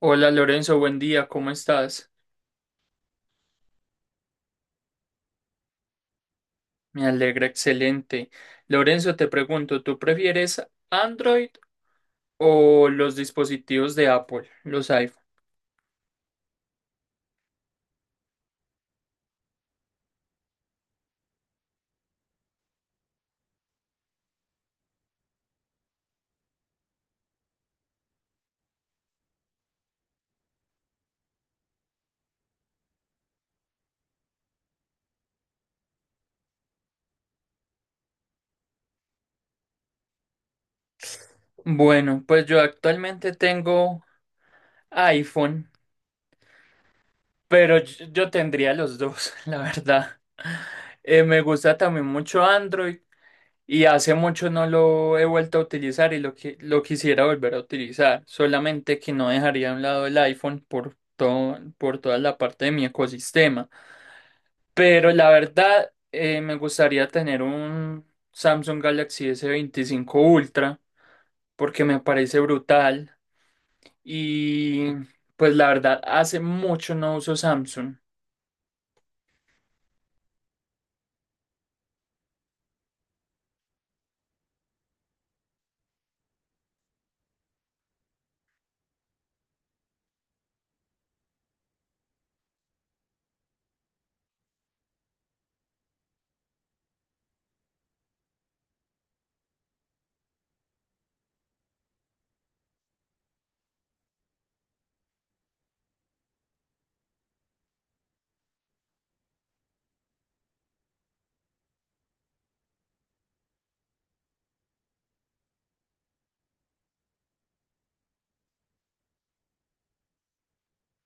Hola Lorenzo, buen día, ¿cómo estás? Me alegra, excelente. Lorenzo, te pregunto, ¿tú prefieres Android o los dispositivos de Apple, los iPhone? Bueno, pues yo actualmente tengo iPhone. Pero yo tendría los dos, la verdad. Me gusta también mucho Android y hace mucho no lo he vuelto a utilizar y lo quisiera volver a utilizar. Solamente que no dejaría a un lado el iPhone por toda la parte de mi ecosistema. Pero la verdad, me gustaría tener un Samsung Galaxy S25 Ultra porque me parece brutal. Y pues la verdad, hace mucho no uso Samsung.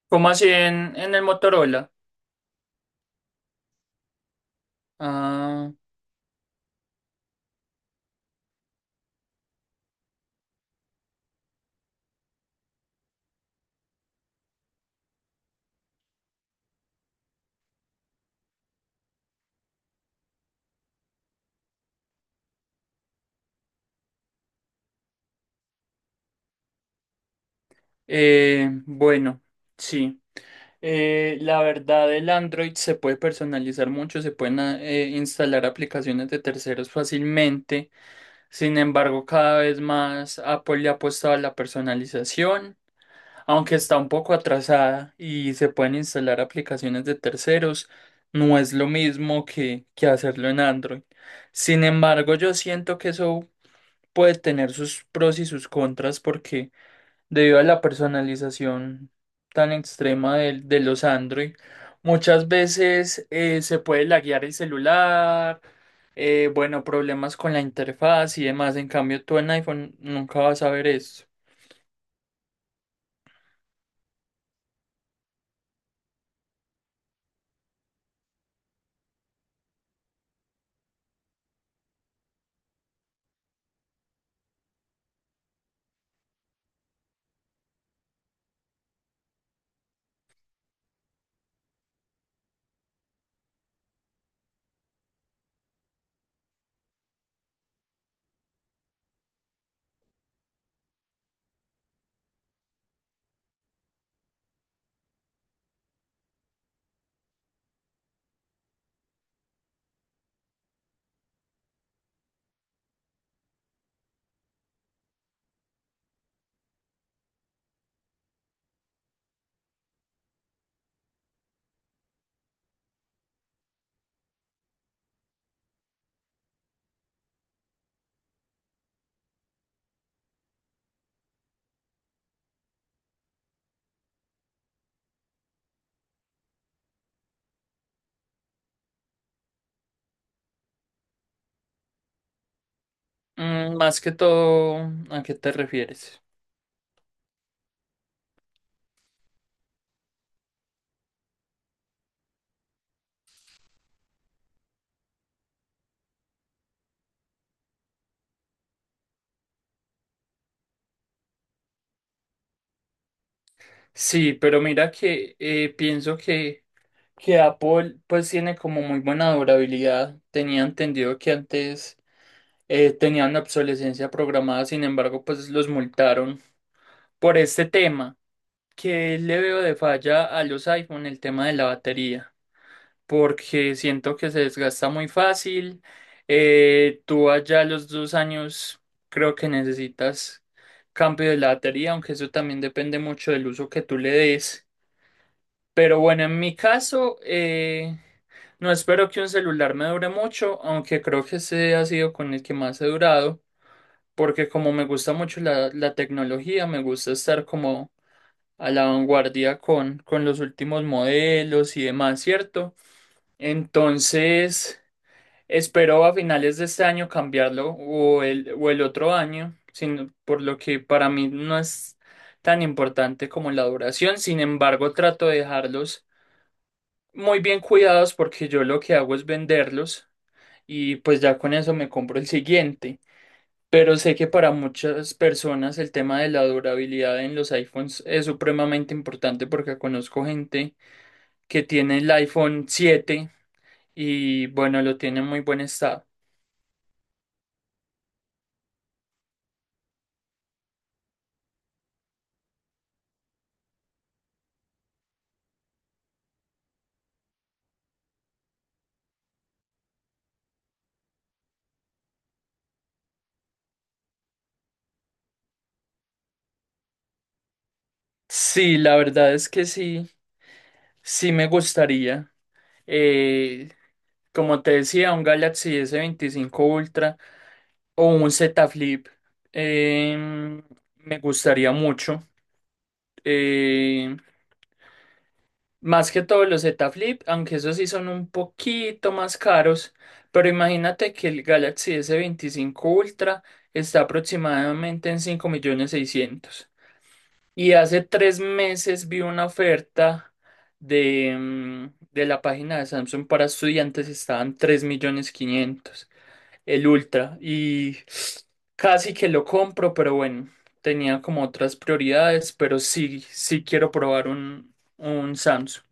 Como así en el Motorola? Ah, bueno, sí. La verdad, el Android se puede personalizar mucho, se pueden instalar aplicaciones de terceros fácilmente. Sin embargo, cada vez más Apple le ha apostado a la personalización, aunque está un poco atrasada y se pueden instalar aplicaciones de terceros, no es lo mismo que hacerlo en Android. Sin embargo, yo siento que eso puede tener sus pros y sus contras porque debido a la personalización tan extrema de los Android, muchas veces se puede laguear el celular, bueno, problemas con la interfaz y demás. En cambio, tú en iPhone nunca vas a ver eso. Más que todo, ¿a qué te refieres? Sí, pero mira que pienso que Apple pues tiene como muy buena durabilidad. Tenía entendido que antes tenían obsolescencia programada, sin embargo, pues los multaron por este tema que le veo de falla a los iPhone, el tema de la batería, porque siento que se desgasta muy fácil. Tú allá a los 2 años creo que necesitas cambio de la batería, aunque eso también depende mucho del uso que tú le des. Pero bueno, en mi caso, no espero que un celular me dure mucho, aunque creo que ese ha sido con el que más he durado porque como me gusta mucho la, la tecnología, me gusta estar como a la vanguardia con los últimos modelos y demás, ¿cierto? Entonces, espero a finales de este año cambiarlo o el otro año, por lo que para mí no es tan importante como la duración. Sin embargo, trato de dejarlos muy bien cuidados porque yo lo que hago es venderlos y pues ya con eso me compro el siguiente. Pero sé que para muchas personas el tema de la durabilidad en los iPhones es supremamente importante porque conozco gente que tiene el iPhone 7 y bueno, lo tiene en muy buen estado. Sí, la verdad es que sí, sí me gustaría. Eh, Como te decía, un Galaxy S25 Ultra o un Z Flip eh, me gustaría mucho. eh, Más que todos los Z Flip, aunque esos sí son un poquito más caros, pero imagínate que el Galaxy S25 Ultra está aproximadamente en 5.600.000. Y hace 3 meses vi una oferta de la página de Samsung para estudiantes, estaban 3.500.000 el Ultra. Y casi que lo compro, pero bueno, tenía como otras prioridades, pero sí, sí quiero probar un Samsung.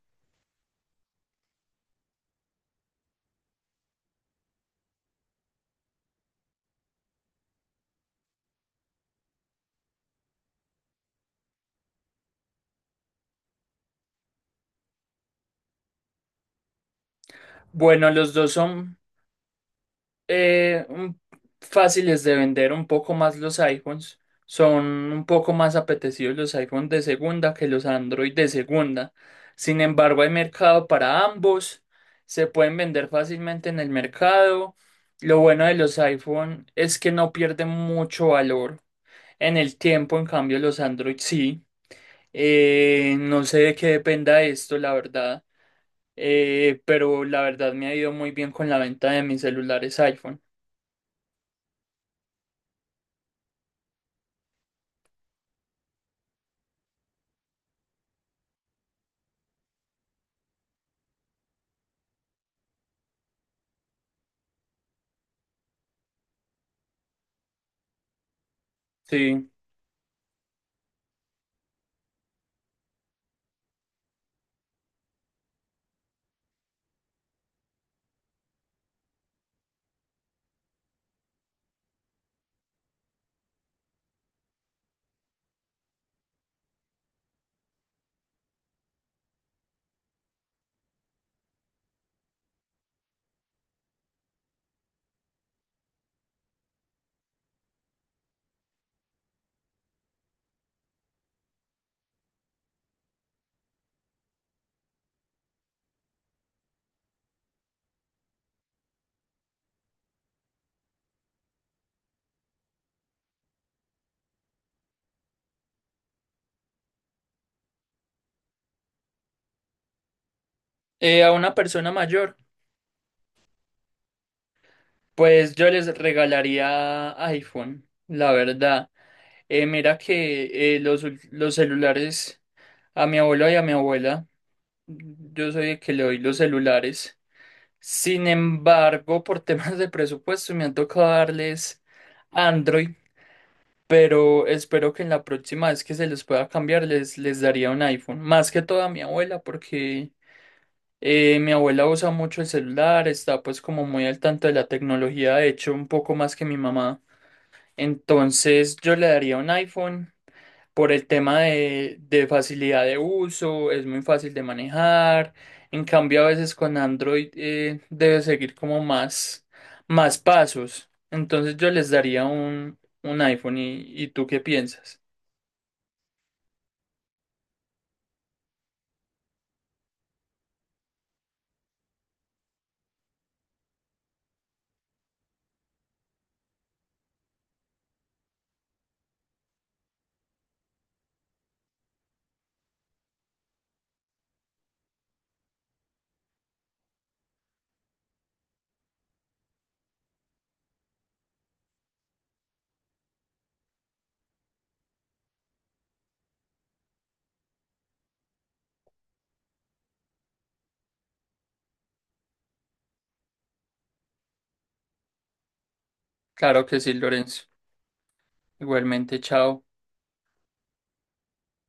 Bueno, los dos son eh, un- fáciles de vender, un poco más los iPhones. Son un poco más apetecidos los iPhones de segunda que los Android de segunda. Sin embargo, hay mercado para ambos. Se pueden vender fácilmente en el mercado. Lo bueno de los iPhone es que no pierden mucho valor en el tiempo. En cambio, los Android sí. No sé de qué dependa esto, la verdad pero la verdad me ha ido muy bien con la venta de mis celulares iPhone. Sí. A una persona mayor, pues yo les regalaría iPhone, la verdad. Mira que los celulares a mi abuelo y a mi abuela, yo soy el que le doy los celulares. Sin embargo, por temas de presupuesto me han tocado darles Android, pero espero que en la próxima vez que se les pueda cambiar les daría un iPhone. Más que todo a mi abuela, porque mi abuela usa mucho el celular, está pues como muy al tanto de la tecnología, de hecho un poco más que mi mamá. Entonces yo le daría un iPhone por el tema de facilidad de uso, es muy fácil de manejar. En cambio a veces con Android debe seguir como más, más pasos. Entonces yo les daría un iPhone ¿y tú qué piensas? Claro que sí, Lorenzo. Igualmente, chao.